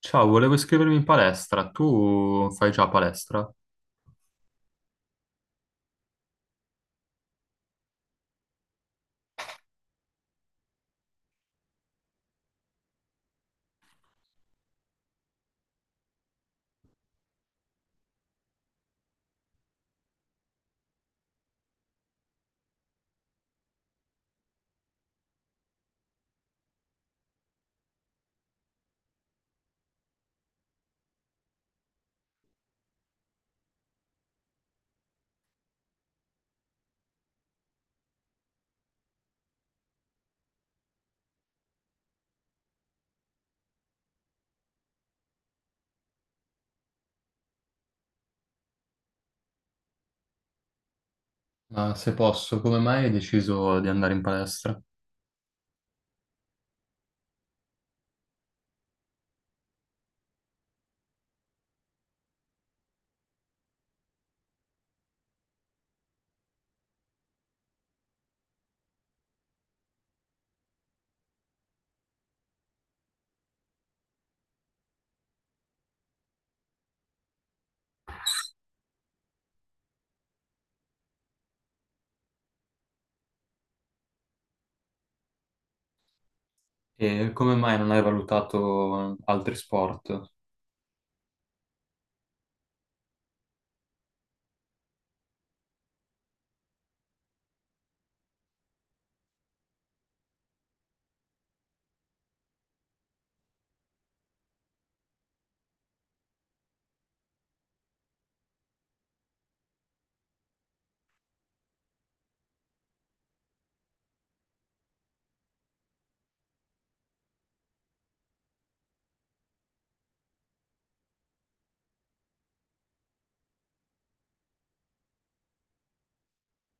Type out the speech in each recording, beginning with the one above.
Ciao, volevo iscrivermi in palestra. Tu fai già palestra? Ma se posso, come mai hai deciso di andare in palestra? E come mai non hai valutato altri sport?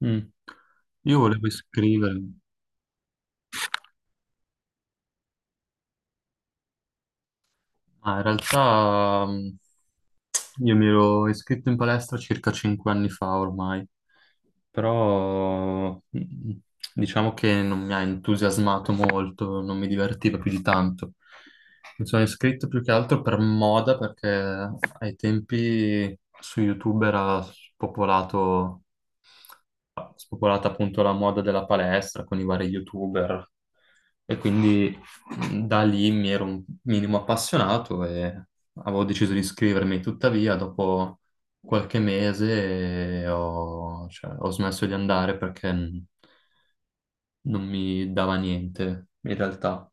Mm. Io volevo iscrivermi, ma in realtà io mi ero iscritto in palestra circa 5 anni fa ormai. Però diciamo che non mi ha entusiasmato molto, non mi divertiva più di tanto. Mi sono iscritto più che altro per moda perché ai tempi su YouTube era popolato spopolata appunto la moda della palestra con i vari YouTuber, e quindi da lì mi ero un minimo appassionato e avevo deciso di iscrivermi. Tuttavia, dopo qualche mese cioè, ho smesso di andare perché non mi dava niente in realtà.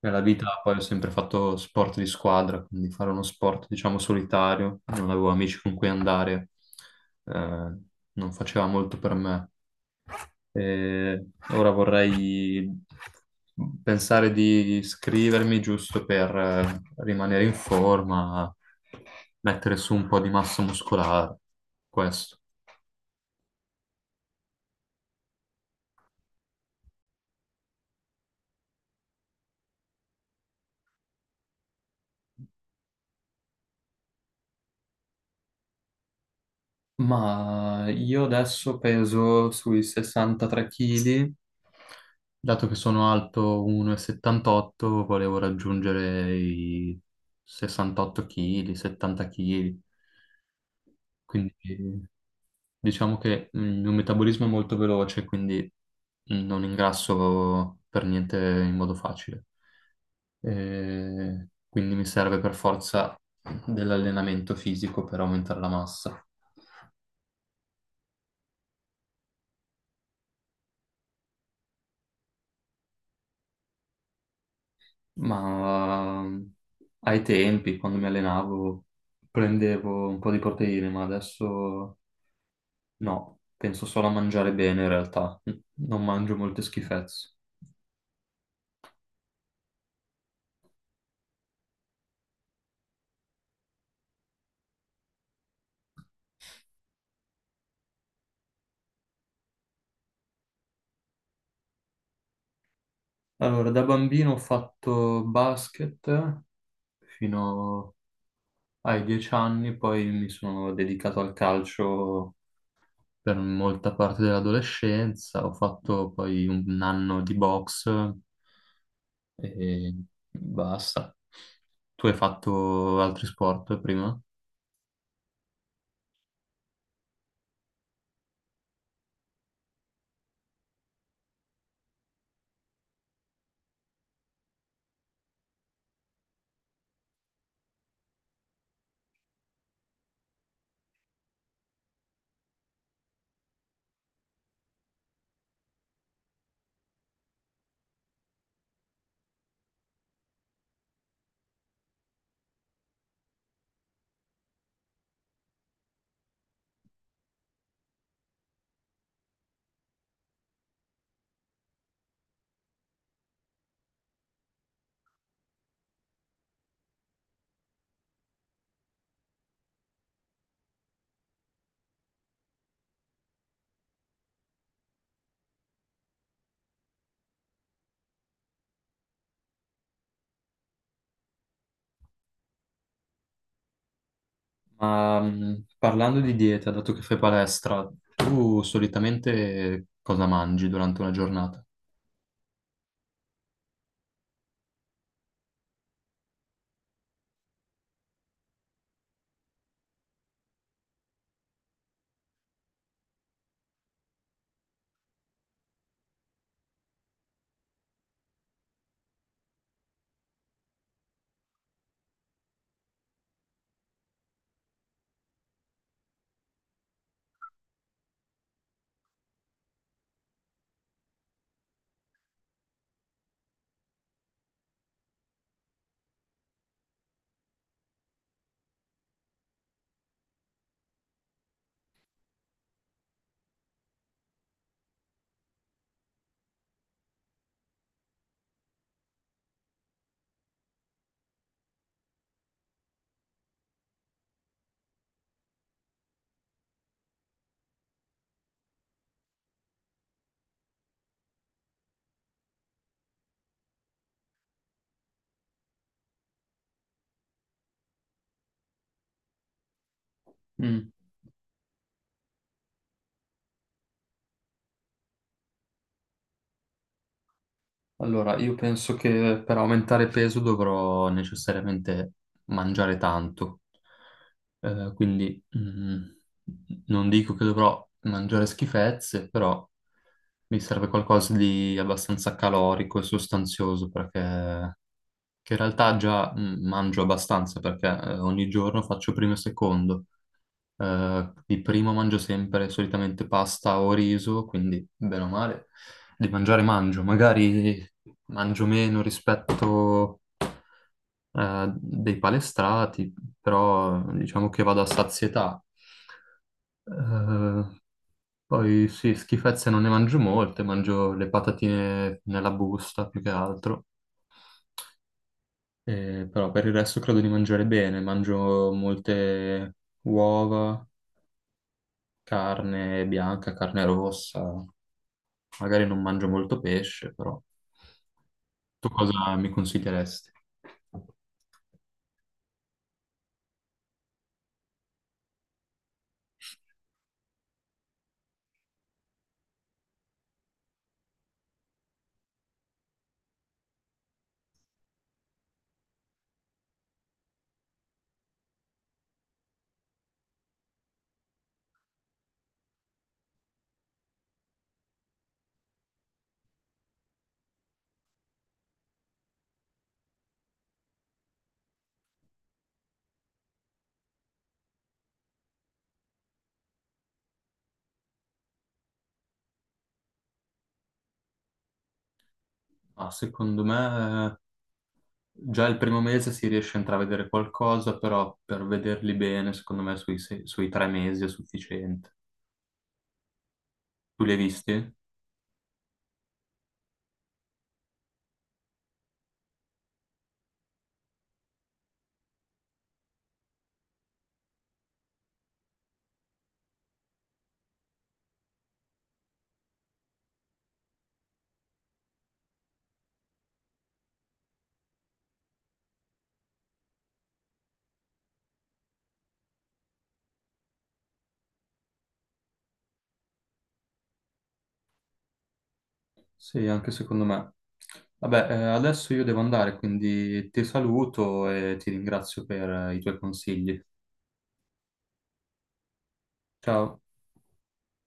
Nella vita poi ho sempre fatto sport di squadra, quindi fare uno sport, diciamo, solitario, non avevo amici con cui andare, eh, non faceva molto per me. Eh, Ora vorrei pensare di iscrivermi giusto per rimanere in forma, mettere su un po' di massa muscolare, questo. Ma io adesso peso sui 63 kg, dato che sono alto 1,78, volevo raggiungere i 68 kg, 70 kg, quindi... Diciamo che il mio metabolismo è molto veloce, quindi non ingrasso per niente in modo facile. E quindi mi serve per forza dell'allenamento fisico per aumentare la massa. Ma ai tempi, quando mi allenavo, prendevo un po' di proteine, ma adesso no, penso solo a mangiare bene in realtà, non mangio molte schifezze. Allora, da bambino ho fatto basket fino ai 10 anni, poi mi sono dedicato al calcio per molta parte dell'adolescenza, ho fatto poi 1 anno di box e basta. Tu hai fatto altri sport prima? Ma parlando di dieta, dato che fai palestra, tu solitamente cosa mangi durante una giornata? Mm. Allora, io penso che per aumentare peso dovrò necessariamente mangiare tanto. Quindi non dico che dovrò mangiare schifezze, però mi serve qualcosa di abbastanza calorico e sostanzioso, perché che in realtà già mangio abbastanza, perché ogni giorno faccio primo e secondo, di primo mangio sempre solitamente pasta o riso, quindi bene o male di mangiare mangio, magari mangio meno rispetto dei palestrati, però diciamo che vado a sazietà. Eh, Poi sì, schifezze non ne mangio molte, mangio le patatine nella busta più che altro. Però per il resto credo di mangiare bene, mangio molte uova, carne bianca, carne rossa. Magari non mangio molto pesce, però tu cosa mi consiglieresti? Ah, secondo me già il primo mese si riesce a intravedere qualcosa, però per vederli bene, secondo me sui 3 mesi è sufficiente. Tu li hai visti? Sì, anche secondo me. Vabbè, adesso io devo andare, quindi ti saluto e ti ringrazio per i tuoi consigli. Ciao.